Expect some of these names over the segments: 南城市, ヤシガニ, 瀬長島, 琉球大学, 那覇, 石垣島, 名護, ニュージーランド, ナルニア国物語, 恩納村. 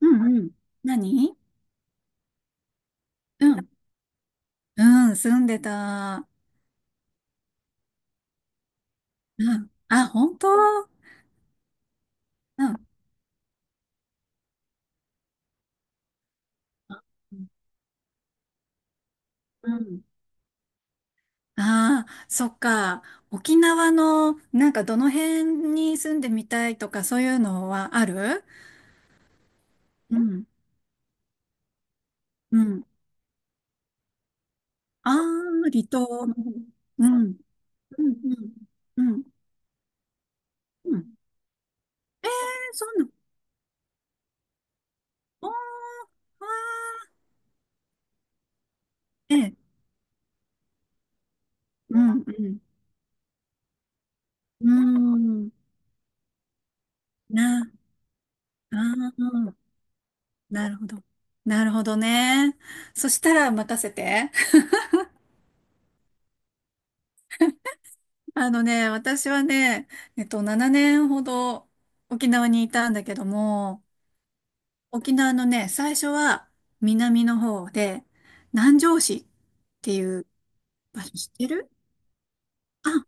うんうん。何？うん。うん、住んでた。うん。あ、本当？うん。うん。ああ、そっか。沖縄の、なんかどの辺に住んでみたいとかそういうのはある？うん。うん。ああ、離島。うん。うん。うん。え、そんな、おー、あー、ええ、うん、うん。うん。な、ああ、なるほど。なるほどね。そしたら任せて。あのね、私はね、7年ほど沖縄にいたんだけども、沖縄のね、最初は南の方で、南城市っていう場所知ってる？あ、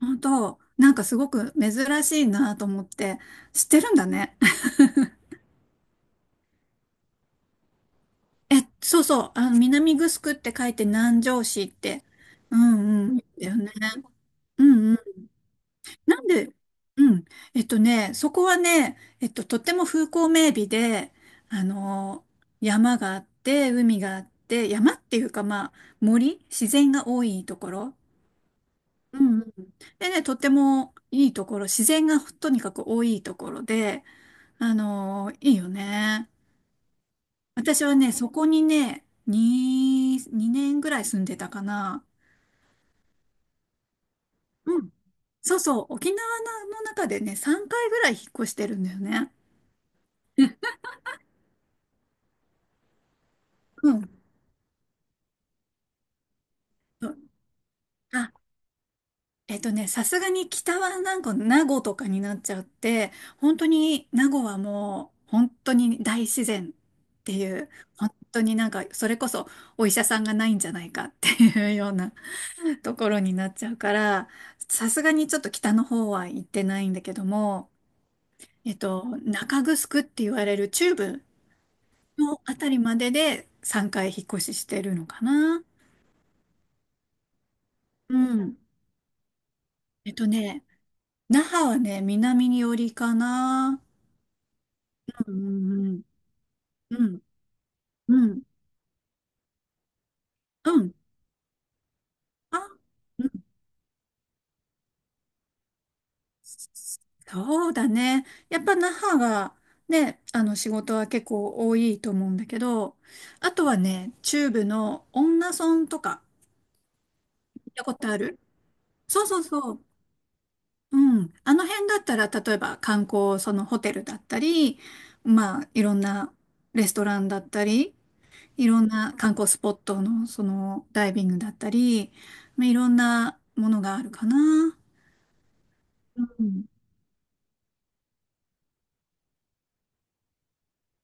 本当、なんかすごく珍しいなと思って、知ってるんだね。え、そうそう、あの、南城って書いて南城市って、うんうん、だよね。うん、なんで、うん。そこはね、とっても風光明媚で、あの、山があって、海があって、山っていうか、まあ、森、自然が多いところ。うんうん。でね、とってもいいところ、自然がとにかく多いところで、あの、いいよね。私はね、そこにね、2年ぐらい住んでたかな。うん。そうそう、沖縄の中でね、3回ぐらい引っ越してるんだよね。うん。あ、さすがに北はなんか名護とかになっちゃって、本当に名護はもう本当に大自然っていう、本当になんかそれこそお医者さんがないんじゃないかっていうような ところになっちゃうから、さすがにちょっと北の方は行ってないんだけども、えっと、中城って言われる中部のあたりまでで3回引っ越ししてるのかな。うん。えっとね、那覇はね、南に寄りかな。うんうんうんうん、あ、うん、そうだね。やっぱ那覇がね、あの仕事は結構多いと思うんだけど、あとはね、中部の恩納村とか行ったことある？そうそうそう。うん。あの辺だったら、例えば観光、そのホテルだったり、まあ、いろんなレストランだったり、いろんな観光スポットの、そのダイビングだったり、まあ、いろんなものがあるかな。うん。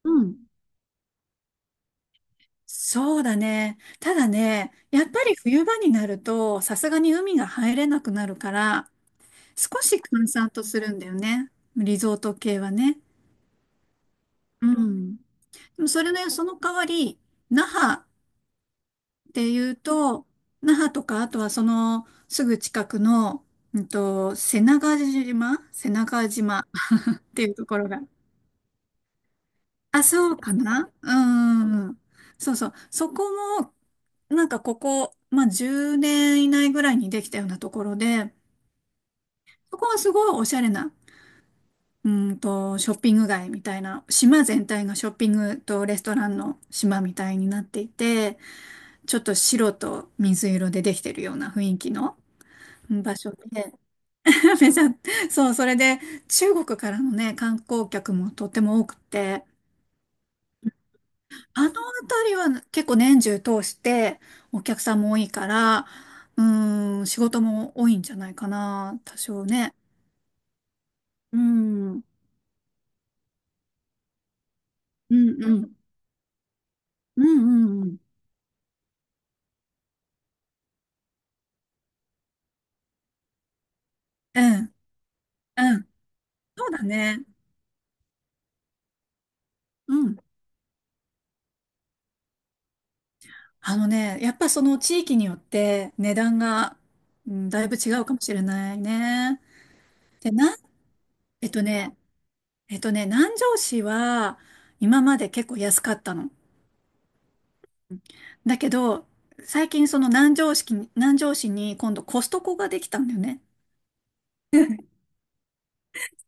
うん、そうだね。ただね、やっぱり冬場になると、さすがに海が入れなくなるから、少し閑散とするんだよね。リゾート系はね。うん。でもそれね、その代わり、那覇っていうと、那覇とか、あとはそのすぐ近くの、うんと、瀬長島っていうところが、あ、そうかな、うん。そうそう。そこも、なんかここ、まあ、10年以内ぐらいにできたようなところで、そこはすごいおしゃれな、うんと、ショッピング街みたいな、島全体がショッピングとレストランの島みたいになっていて、ちょっと白と水色でできてるような雰囲気の、うん、場所で、めちゃ、そう、それで中国からのね、観光客もとっても多くて、あのあたりは結構年中通してお客さんも多いから、うーん、仕事も多いんじゃないかな、多少ね。うん、うん、うん、うん、うん、うん、うん、そうだね。うん。あのね、やっぱその地域によって値段が、うん、だいぶ違うかもしれないね。で、な、えっとね、えっとね、南城市は今まで結構安かったの。だけど、最近その南城市に、南城市に今度コストコができたんだよね。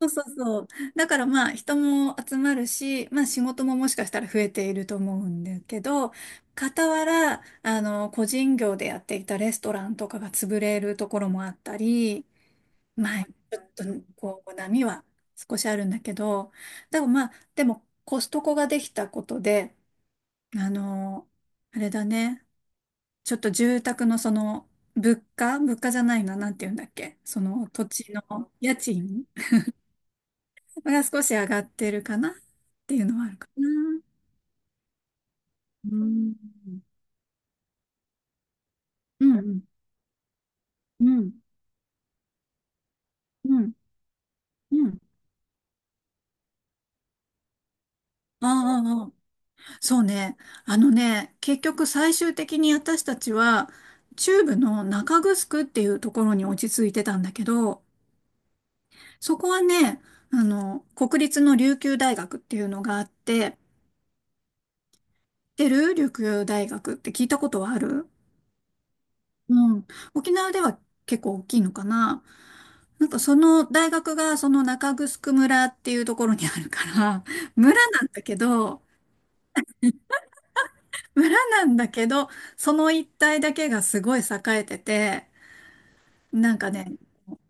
そうそうそう。だからまあ人も集まるし、まあ仕事ももしかしたら増えていると思うんだけど、傍ら、あの、個人業でやっていたレストランとかが潰れるところもあったり、まあちょっとこう波は少しあるんだけど、でもまあ、でもコストコができたことで、あの、あれだね。ちょっと住宅のその、物価じゃないな、なんて言うんだっけ、その土地の家賃 が少し上がってるかなっていうのはあるかな。うん。うん、うん、うん、うん。ああ、そうね。あのね、結局最終的に私たちは、中部の中城っていうところに落ち着いてたんだけど、そこはね、あの、国立の琉球大学っていうのがあって、知ってる？琉球大学って聞いたことはある？うん。沖縄では結構大きいのかな。なんかその大学がその中城村っていうところにあるから、村なんだけど、村なんだけど、その一帯だけがすごい栄えてて、なんかね、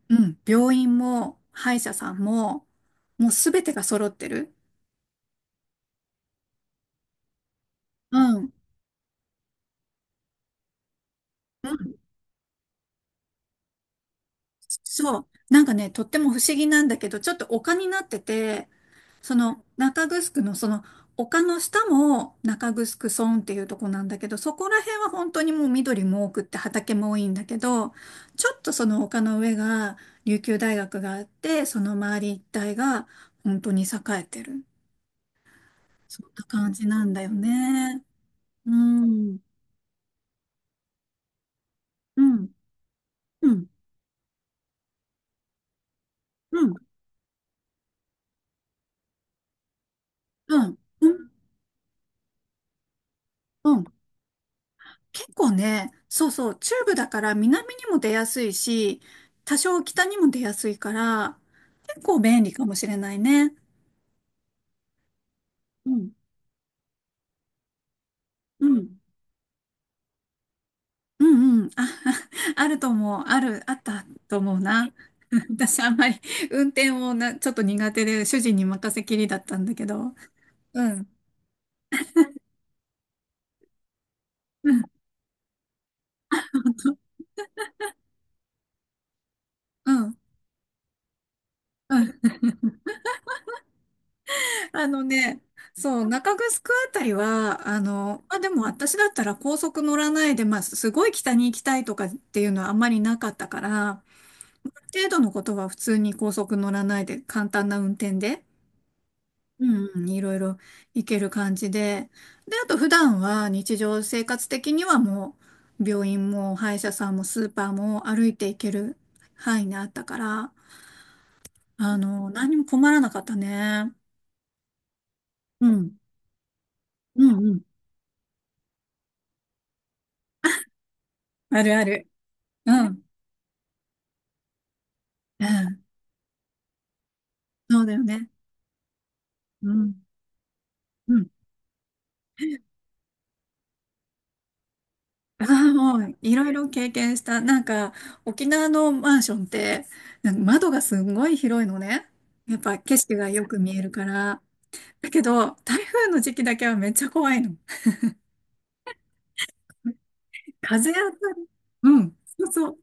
うん、病院も歯医者さんも、もうすべてが揃ってる。うん。うん、そう。なんかね、とっても不思議なんだけど、ちょっと丘になってて、その中城のその丘の下も中城村っていうとこなんだけど、そこら辺は本当にもう緑も多くって畑も多いんだけど、ちょっとその丘の上が琉球大学があって、その周り一帯が本当に栄えてる。そんな感じなんだよね。うん。うん。うん。うん。うん。うん。うん。結構ね、そうそう、中部だから南にも出やすいし、多少北にも出やすいから、結構便利かもしれないね。うん、うん、うん、うん。あ、あると思う。ある、あったと思うな。私あんまり運転をな、ちょっと苦手で主人に任せきりだったんだけど。うん、うん、本当、うん、うん。あのね、そう、中城あたりは、あの、まあ、でも私だったら高速乗らないで、まあ、すごい北に行きたいとかっていうのはあんまりなかったから、ま、ある程度のことは普通に高速乗らないで、簡単な運転で、うんうん、いろいろ行ける感じで、で、あと普段は日常生活的にはもう、病院も歯医者さんもスーパーも歩いて行ける範囲にあったから、あの、何も困らなかったね。うん、うん、うん。あるある。うん。うん。そうだよね。うん。うん。ああ、もう、いろいろ経験した。なんか、沖縄のマンションって、なんか窓がすんごい広いのね。やっぱ景色がよく見えるから。だけど、台風の時期だけはめっちゃ怖いの。風当たり。うん。そうそう。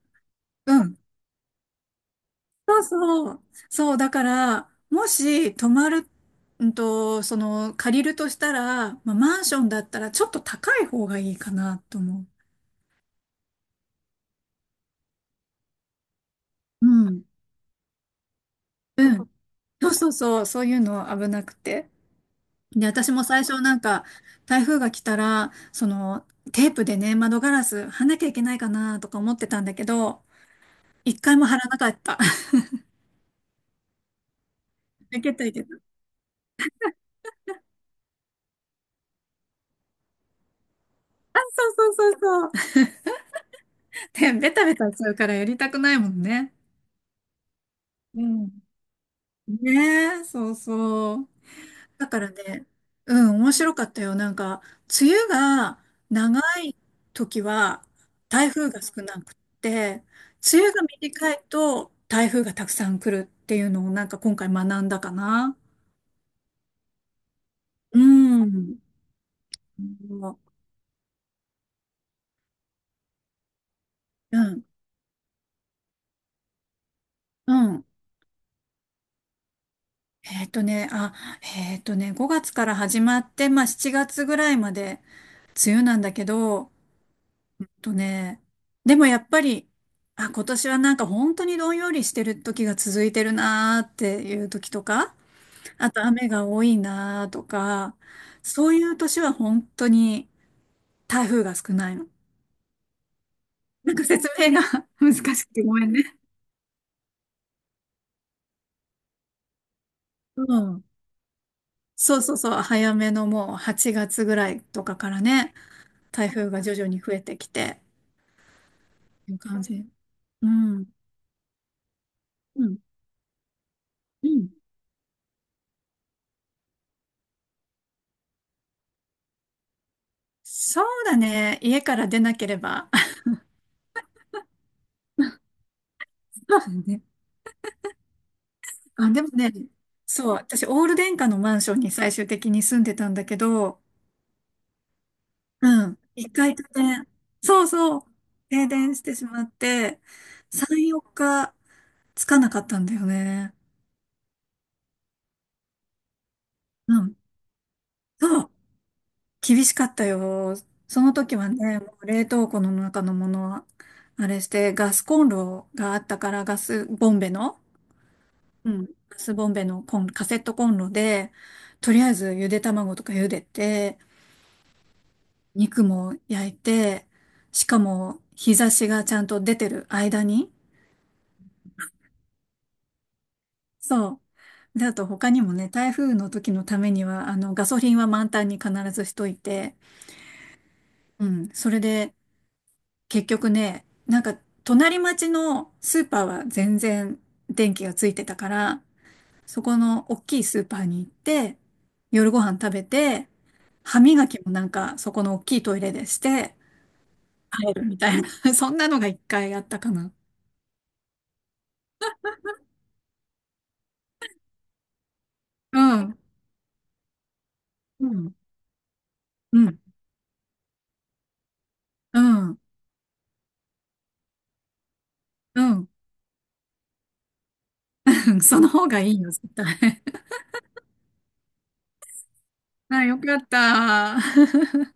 うん。そうそう。そう、だから、もし泊まる、うんと、その、借りるとしたら、まあ、マンションだったらちょっと高い方がいいかなと思う。うん。うん。そうそうそう、そういうの危なくて。で、私も最初なんか、台風が来たら、その、テープでね、窓ガラス貼んなきゃいけないかなとか思ってたんだけど、一回も貼らなかった。いけたいけた。あ、そうそうそうそう。で、ベタベタしちゃうからやりたくないもんね。うん。ねえ、そうそう。だからね、うん、面白かったよ。なんか、梅雨が長時は台風が少なくって、梅雨が短いと台風がたくさん来るっていうのをなんか今回学んだかな。うん。うん。うん。えっとね、あ、えっとね、5月から始まって、まあ7月ぐらいまで梅雨なんだけど、とね、でもやっぱり、あ、今年はなんか本当にどんよりしてる時が続いてるなーっていう時とか、あと雨が多いなとか、そういう年は本当に台風が少ないの。なんか説明が 難しくてごめんね。うん。そうそうそう、早めのもう8月ぐらいとかからね、台風が徐々に増えてきて、いう感じ。うん。うん。うん。そうだね。家から出なければ。そうだね。 あ、でもね、そう、私、オール電化のマンションに最終的に住んでたんだけど、うん。一回停電。そうそう。停電してしまって、3、4日つかなかったんだよね。うん。そう。厳しかったよ。その時はね、もう冷凍庫の中のものは、あれして、ガスコンロがあったから、ガスボンベの、うん。ガスボンベのコン、カセットコンロで、とりあえずゆで卵とか茹でて、肉も焼いて、しかも日差しがちゃんと出てる間に、そう。で、あと他にもね、台風の時のためには、あの、ガソリンは満タンに必ずしといて、うん、それで結局ね、なんか隣町のスーパーは全然電気がついてたから、そこの大きいスーパーに行って、夜ご飯食べて、歯磨きもなんかそこの大きいトイレでして、帰るみたいな、そんなのが一回あったかな。うん、うん、うん、うん、うん、その方がいいよ、絶対。あ、よかった。